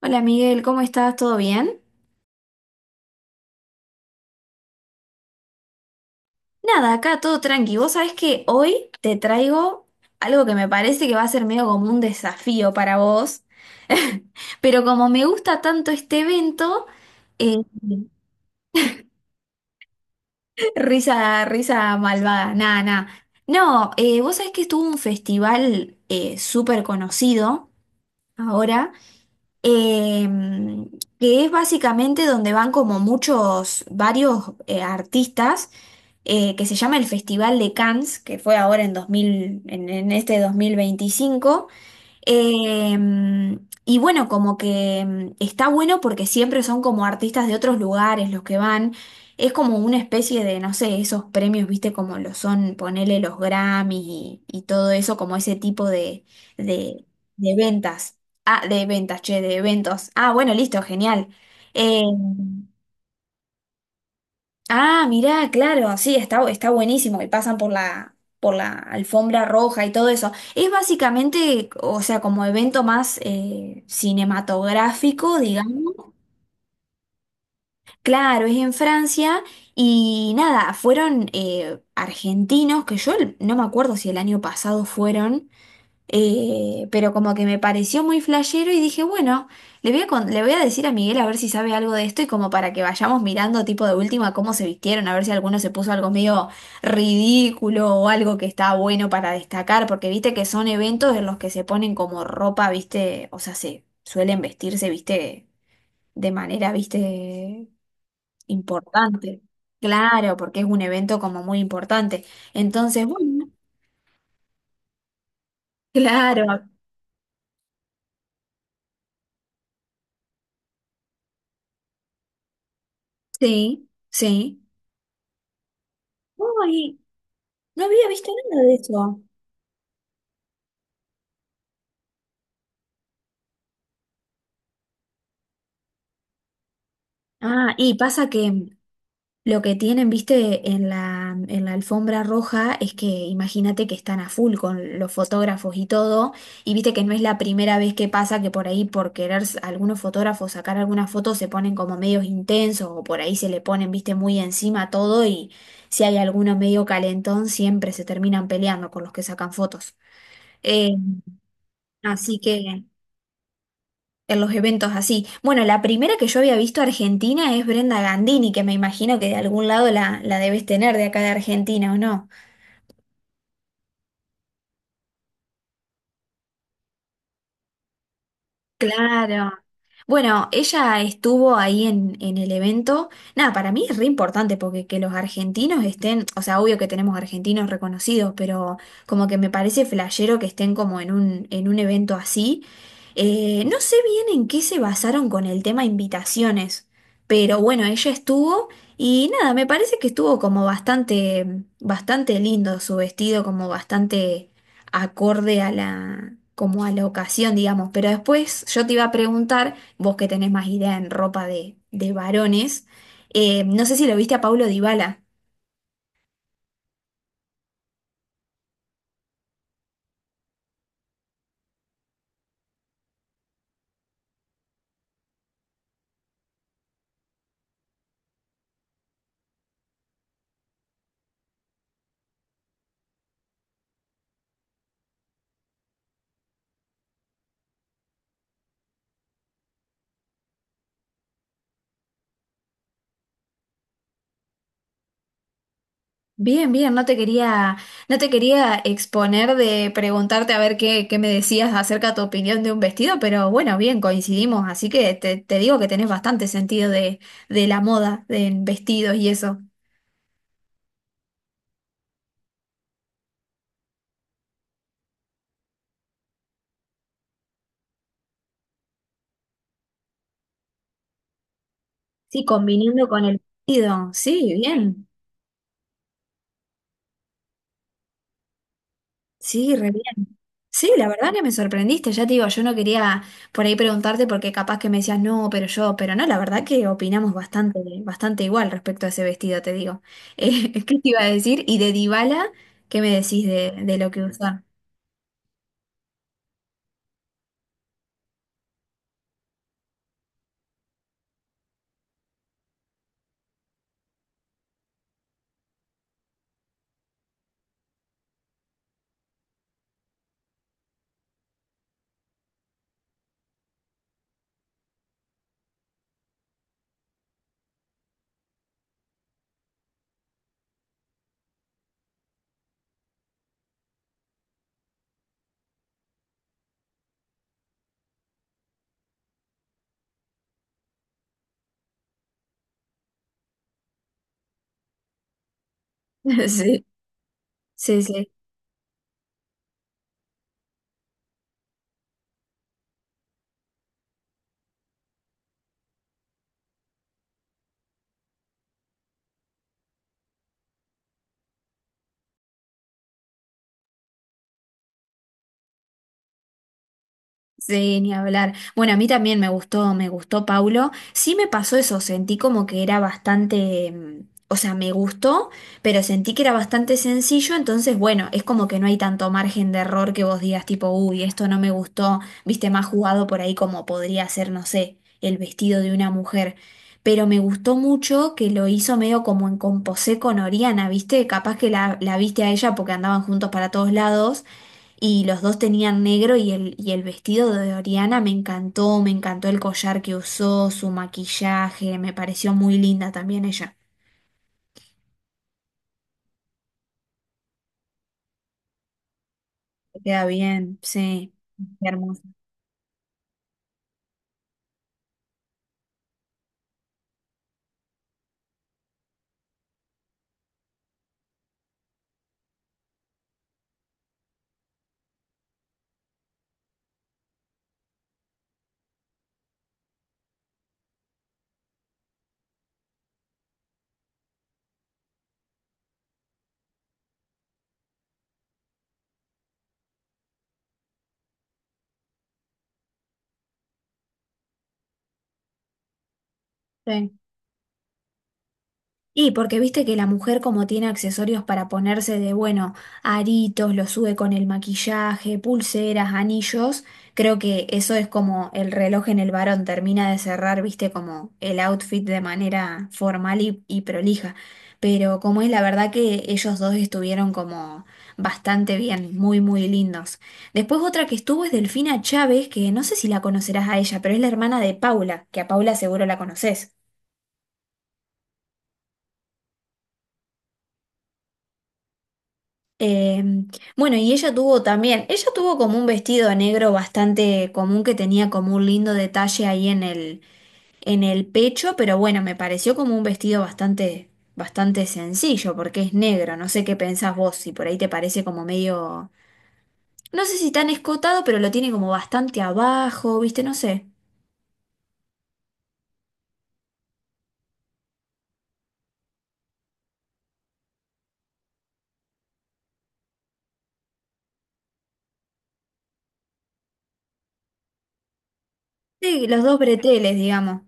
Hola Miguel, ¿cómo estás? ¿Todo bien? Nada, acá todo tranqui. Vos sabés que hoy te traigo algo que me parece que va a ser medio como un desafío para vos, pero como me gusta tanto este evento, eh, risa, risa malvada, nada, nada. No, vos sabés que estuvo un festival súper conocido ahora, eh, que es básicamente donde van como muchos, varios artistas que se llama el Festival de Cannes, que fue ahora en 2000, en este 2025. Eh, y bueno, como que está bueno porque siempre son como artistas de otros lugares los que van. Es como una especie de, no sé, esos premios, viste, como lo son, ponele los Grammys y todo eso, como ese tipo de, de ventas. Ah, de ventas, che, de eventos. Ah, bueno, listo, genial. Eh, Ah, mirá, claro, sí, está, está buenísimo y pasan por por la alfombra roja y todo eso. Es básicamente, o sea, como evento más cinematográfico, digamos. Claro, es en Francia y nada, fueron argentinos, que yo no me acuerdo si el año pasado fueron. Pero como que me pareció muy flashero y dije, bueno, le voy a decir a Miguel a ver si sabe algo de esto y como para que vayamos mirando tipo de última cómo se vistieron, a ver si alguno se puso algo medio ridículo o algo que está bueno para destacar, porque viste que son eventos en los que se ponen como ropa, viste, o sea, se suelen vestirse, viste, de manera, viste, importante. Claro, porque es un evento como muy importante. Entonces, bueno, claro, sí, sí. Uy, no había visto nada de eso. Ah, y pasa que lo que tienen, viste, en en la alfombra roja es que imagínate que están a full con los fotógrafos y todo, y viste que no es la primera vez que pasa que por ahí por querer algunos fotógrafos sacar algunas fotos se ponen como medios intensos o por ahí se le ponen, viste, muy encima todo y si hay alguno medio calentón siempre se terminan peleando con los que sacan fotos. Eh, Así que... en los eventos así. Bueno, la primera que yo había visto argentina es Brenda Gandini, que me imagino que de algún lado la debes tener de acá de Argentina, ¿o no? Claro. Bueno, ella estuvo ahí en el evento. Nada, para mí es re importante porque que los argentinos estén, o sea, obvio que tenemos argentinos reconocidos, pero como que me parece flashero que estén como en un evento así. No sé bien en qué se basaron con el tema invitaciones, pero bueno, ella estuvo y nada, me parece que estuvo como bastante, bastante lindo su vestido, como bastante acorde a la, como a la ocasión, digamos. Pero después yo te iba a preguntar, vos que tenés más idea en ropa de varones, no sé si lo viste a Paulo Dybala. Bien, bien, no te quería exponer de preguntarte a ver qué, qué me decías acerca de tu opinión de un vestido, pero bueno, bien, coincidimos, así que te digo que tenés bastante sentido de la moda, de en vestidos y eso. Sí, combinando con el vestido, sí, bien, sí, re bien. Sí, la verdad que me sorprendiste, ya te digo, yo no quería por ahí preguntarte porque capaz que me decías no, pero yo, pero no, la verdad que opinamos bastante, bastante igual respecto a ese vestido, te digo. ¿Qué te iba a decir? Y de Dybala, ¿qué me decís de lo que usó? Sí, sí, sí. Sí, ni hablar. Bueno, a mí también me gustó Paulo. Sí me pasó eso, sentí como que era bastante, o sea, me gustó, pero sentí que era bastante sencillo, entonces, bueno, es como que no hay tanto margen de error que vos digas tipo, uy, esto no me gustó, viste, más jugado por ahí como podría ser, no sé, el vestido de una mujer. Pero me gustó mucho que lo hizo medio como en composé con Oriana, viste, capaz que la viste a ella porque andaban juntos para todos lados y los dos tenían negro y y el vestido de Oriana me encantó el collar que usó, su maquillaje, me pareció muy linda también ella. Queda bien, sí, hermosa. Sí. Y porque viste que la mujer como tiene accesorios para ponerse de, bueno, aritos, lo sube con el maquillaje, pulseras, anillos, creo que eso es como el reloj en el varón termina de cerrar, viste, como el outfit de manera formal y prolija. Pero como es la verdad que ellos dos estuvieron como bastante bien, muy, muy lindos. Después otra que estuvo es Delfina Chávez, que no sé si la conocerás a ella, pero es la hermana de Paula, que a Paula seguro la conoces. Eh, bueno, y ella tuvo también, ella tuvo como un vestido negro bastante común que tenía como un lindo detalle ahí en el pecho, pero bueno, me pareció como un vestido bastante, bastante sencillo porque es negro. No sé qué pensás vos, si por ahí te parece como medio, no sé si tan escotado, pero lo tiene como bastante abajo, ¿viste? No sé. Sí, los dos breteles, digamos.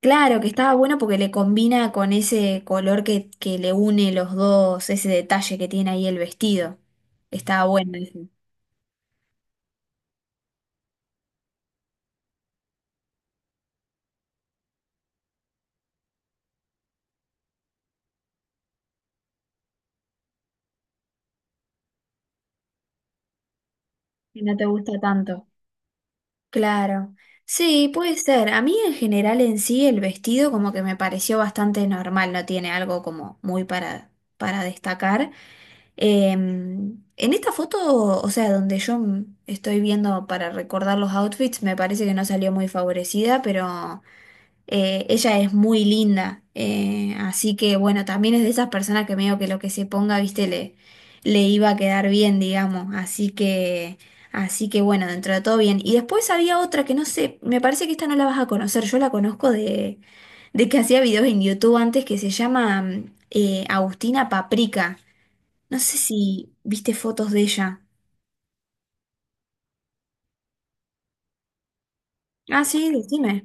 Claro, que estaba bueno porque le combina con ese color que le une los dos, ese detalle que tiene ahí el vestido. Estaba bueno ese. Que no te gusta tanto. Claro. Sí, puede ser. A mí en general en sí el vestido como que me pareció bastante normal, no tiene algo como muy para destacar. En esta foto, o sea, donde yo estoy viendo para recordar los outfits, me parece que no salió muy favorecida, pero... ella es muy linda, así que bueno, también es de esas personas que medio que lo que se ponga, viste, le iba a quedar bien, digamos. Así que bueno, dentro de todo bien. Y después había otra que no sé, me parece que esta no la vas a conocer, yo la conozco de que hacía videos en YouTube antes que se llama Agustina Paprika. No sé si viste fotos de ella. Ah, sí, decime.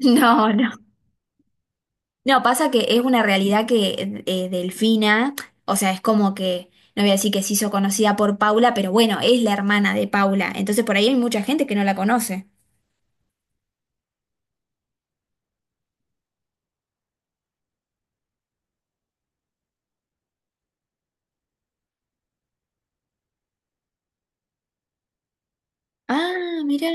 No, no. No, pasa que es una realidad que Delfina, o sea, es como que, no voy a decir que se hizo conocida por Paula, pero bueno, es la hermana de Paula, entonces por ahí hay mucha gente que no la conoce. Ah, mirá,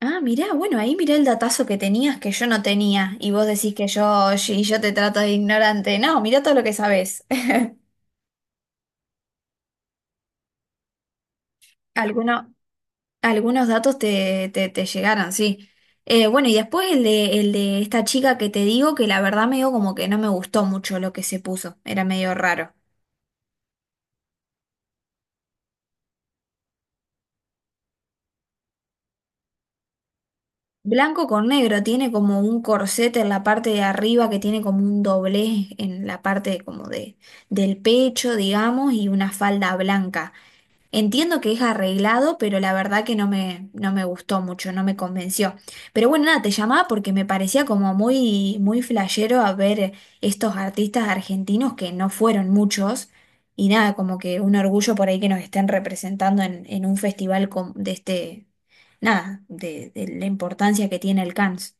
ah, mirá, bueno, ahí mirá el datazo que tenías que yo no tenía, y vos decís que yo, y yo te trato de ignorante. No, mirá todo lo que sabés. Alguno- algunos datos te, te, te llegaron, sí. Bueno, y después el de esta chica que te digo que la verdad medio como que no me gustó mucho lo que se puso, era medio raro. Blanco con negro, tiene como un corsete en la parte de arriba que tiene como un doblez en la parte como de, del pecho, digamos, y una falda blanca. Entiendo que es arreglado, pero la verdad que no me, no me gustó mucho, no me convenció. Pero bueno, nada, te llamaba porque me parecía como muy, muy flashero a ver estos artistas argentinos que no fueron muchos. Y nada, como que un orgullo por ahí que nos estén representando en un festival de este, nada, de la importancia que tiene el Cannes.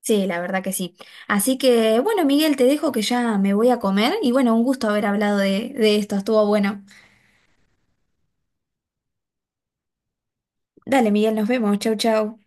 Sí, la verdad que sí. Así que bueno, Miguel, te dejo que ya me voy a comer y bueno, un gusto haber hablado de esto, estuvo bueno. Dale, Miguel, nos vemos. Chau, chau.